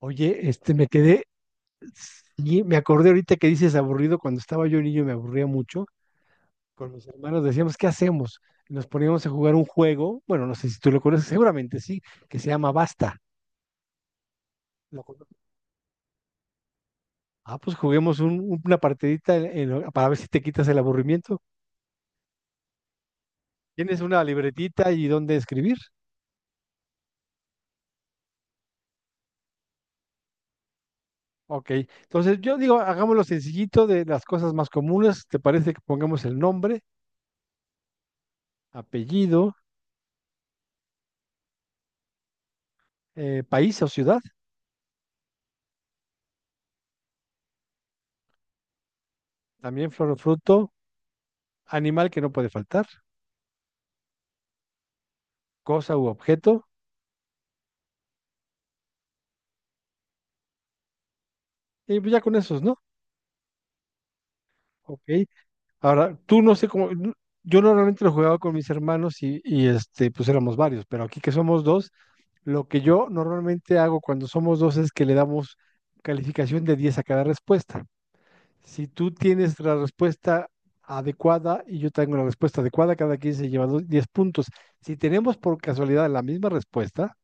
Oye, este, me quedé, sí, me acordé ahorita que dices aburrido, cuando estaba yo niño me aburría mucho, con mis hermanos decíamos, ¿qué hacemos? Y nos poníamos a jugar un juego, bueno, no sé si tú lo conoces, seguramente sí, que se llama Basta. ¿Lo conoces? Ah, pues juguemos una partidita para ver si te quitas el aburrimiento. ¿Tienes una libretita y dónde escribir? Ok, entonces yo digo, hagámoslo sencillito, de las cosas más comunes. ¿Te parece que pongamos el nombre, apellido, país o ciudad? También flor o fruto, animal que no puede faltar, cosa u objeto, y pues ya con esos, ¿no? Ok. Ahora, tú no sé cómo. Yo normalmente lo jugaba con mis hermanos, y este, pues éramos varios, pero aquí que somos dos. Lo que yo normalmente hago cuando somos dos es que le damos calificación de 10 a cada respuesta. Si tú tienes la respuesta adecuada y yo tengo la respuesta adecuada, cada quien se lleva 10 puntos. Si tenemos por casualidad la misma respuesta,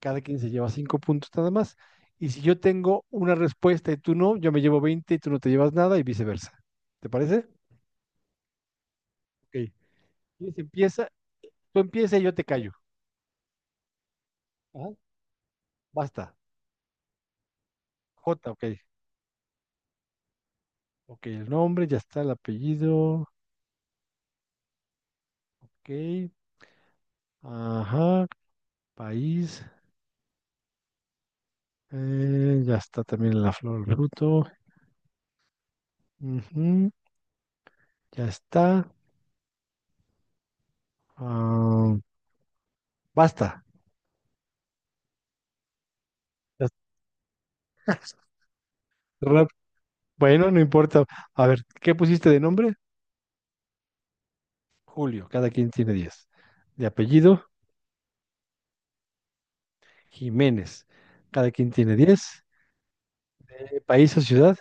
cada quien se lleva cinco puntos nada más. Y si yo tengo una respuesta y tú no, yo me llevo 20 y tú no te llevas nada, y viceversa. ¿Te parece? Ok. Y se empieza, tú empieza y yo te callo. Ajá. Basta. J, ok. Ok, el nombre, ya está el apellido. Ok. Ajá. País. Ya está también la flor, el fruto. Ujú. Ya está. Ah, basta. Ya está. Rap- Bueno, no importa. A ver, ¿qué pusiste de nombre? Julio, cada quien tiene 10. De apellido, Jiménez, cada quien tiene 10. De país o ciudad,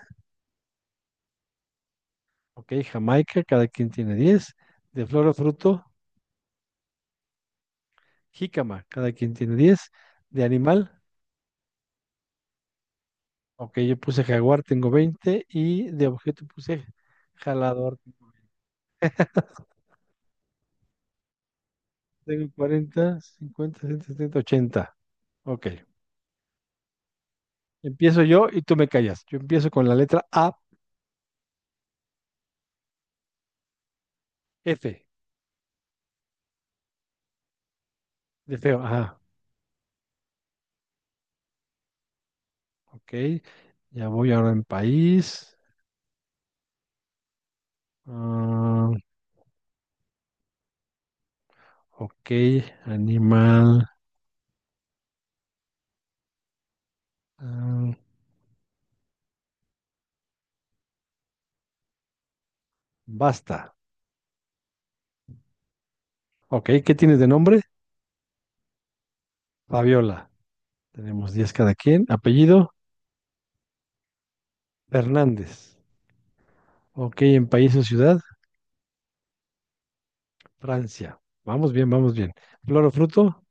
ok, Jamaica, cada quien tiene 10. De flor o fruto, jícama, cada quien tiene 10. De animal, ok, yo puse jaguar, tengo 20. Y de objeto puse jalador, tengo 40, 50, 60, 70, 80. Ok, empiezo yo y tú me callas. Yo empiezo con la letra A. F, de feo, ajá, ok. Ya voy ahora en país. Ah, ok, animal. Ah, basta. Ok, ¿qué tienes de nombre? Fabiola. Tenemos 10 cada quien. Apellido, Fernández. Ok, en país o ciudad, Francia. Vamos bien, vamos bien. Flor o fruto,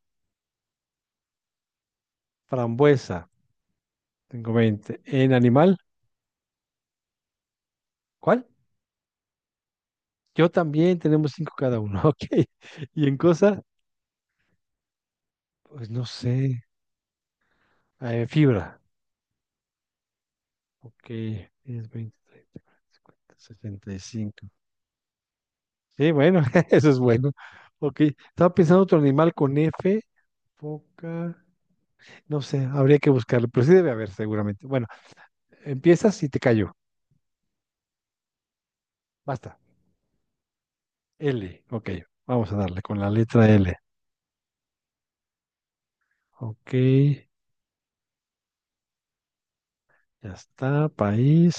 frambuesa. Tengo 20. En animal, ¿cuál? Yo también. Tenemos 5 cada uno. Ok. ¿Y en cosa? Pues no sé. Fibra. Ok, 10, 20, 30, 20, 30, 65. Sí, bueno, eso es bueno. Ok, estaba pensando otro animal con F, foca, no sé, habría que buscarlo, pero sí debe haber seguramente. Bueno, empiezas y te cayó, basta. L, ok, vamos a darle con la letra L. Ok, ya está, país,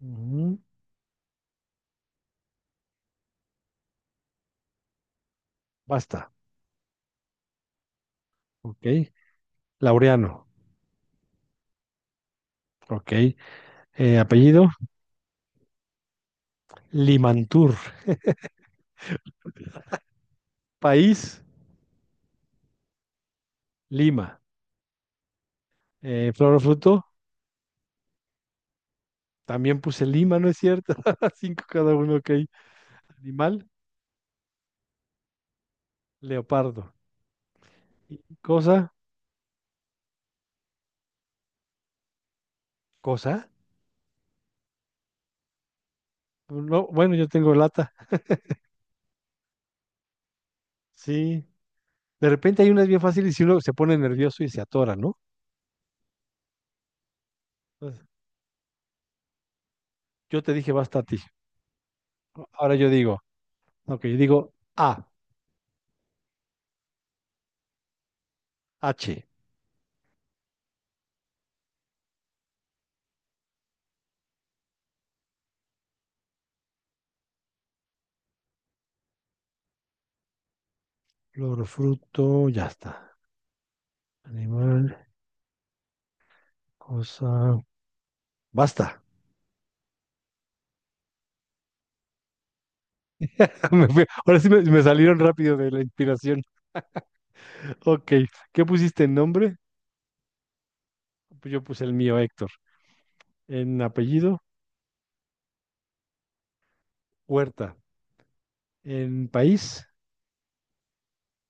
ujú, basta, ok. Laureano, ok. Apellido, Limantur. País, Lima. Flor o fruto, también puse Lima, ¿no es cierto? Cinco cada uno, ok. Animal. Leopardo. Y cosa, cosa. No, bueno, yo tengo lata. Sí. De repente hay unas bien fáciles y si uno se pone nervioso y se atora, ¿no? Entonces, yo te dije basta a ti. Ahora yo digo, ok, yo digo A, H. Flor, fruto, ya está. Animal, cosa. Basta. Ahora sí me salieron rápido de la inspiración. Ok. ¿Qué pusiste en nombre? Pues yo puse el mío, Héctor. En apellido, Huerta. En país,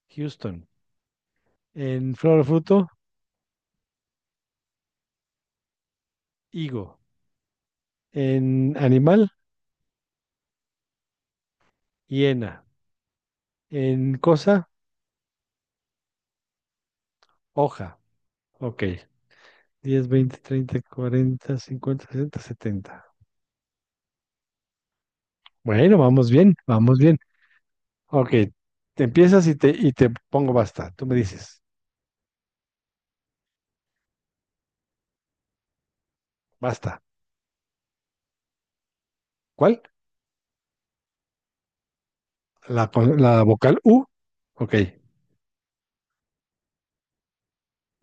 Houston. En flor o fruto, higo. En animal, hiena. En cosa, hoja. Ok. 10, veinte, treinta, 40, 50, sesenta, setenta. Bueno, vamos bien, vamos bien. Ok. Te empiezas y te pongo basta. Tú me dices, basta. ¿Cuál? La, la vocal U. Ok.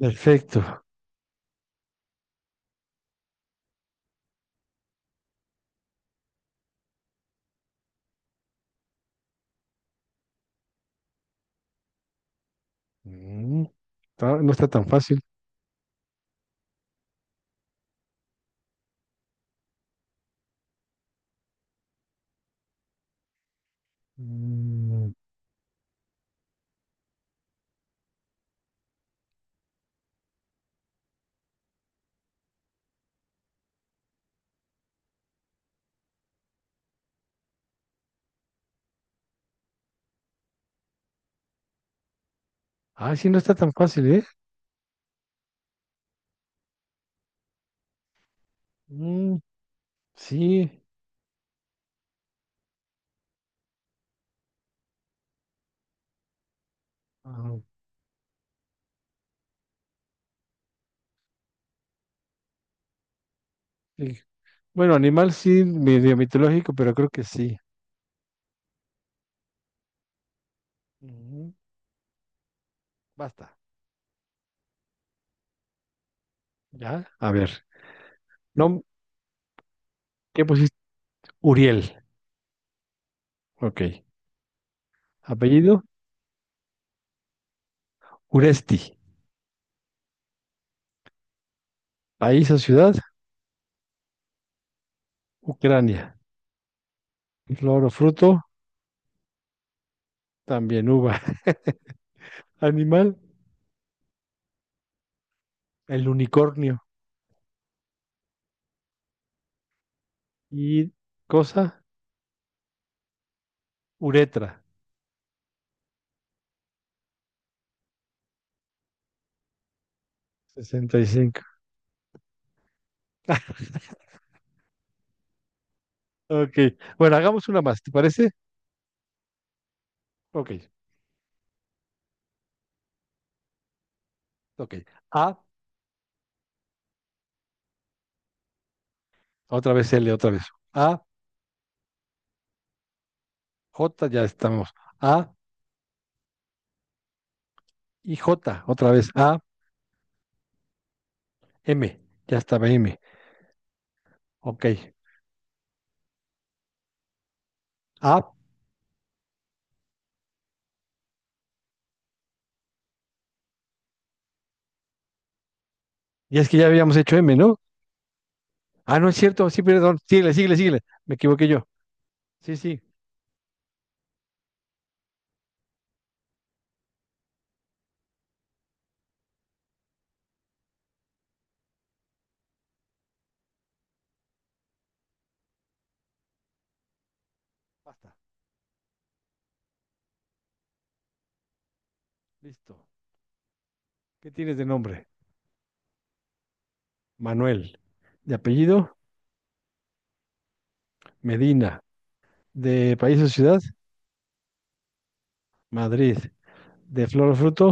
Perfecto. Mm, no está tan fácil. Mm, Ah, sí, no está tan fácil, ¿eh? Mm, sí. Ah, ok. Bueno, animal sí, medio mitológico, pero creo que sí. Ujú. Basta. ¿Ya? A ver. No, ¿qué pusiste? Uriel. Ok. Apellido, Uresti. País o ciudad, Ucrania. Flor o fruto, también uva. Animal, el unicornio. Y cosa, uretra. 65. Ok. Bueno, hagamos una más, ¿te parece? Ok, ok. A, otra vez L, otra vez. A, J, ya estamos. A y J, otra vez. A, M, ya estaba M. Ok. Ah, y es que ya habíamos hecho M, ¿no? Ah, no es cierto, sí, perdón. Síguele, síguele, síguele. Me equivoqué yo. Sí, sí, basta. Listo. ¿Qué tienes de nombre? Manuel. De apellido, Medina. De país o ciudad, Madrid. De flor o fruto,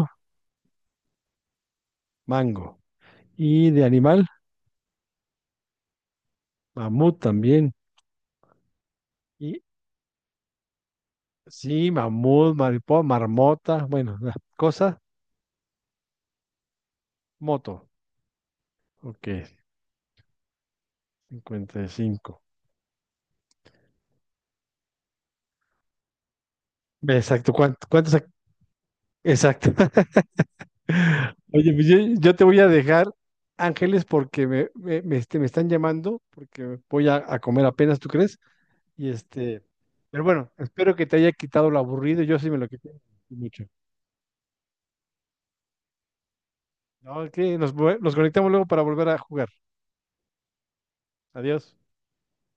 mango. Y de animal, mamut también. Y sí, mamut, mariposa, marmota, bueno, la cosa, moto. Ok, 55. Ve, exacto, ¿cuántos? Exacto. Oye, pues yo te voy a dejar, Ángeles, porque me están llamando, porque voy a comer apenas, ¿tú crees? Y este, pero bueno, espero que te haya quitado lo aburrido, yo sí me lo quité mucho. No, ok, nos conectamos luego para volver a jugar. Adiós.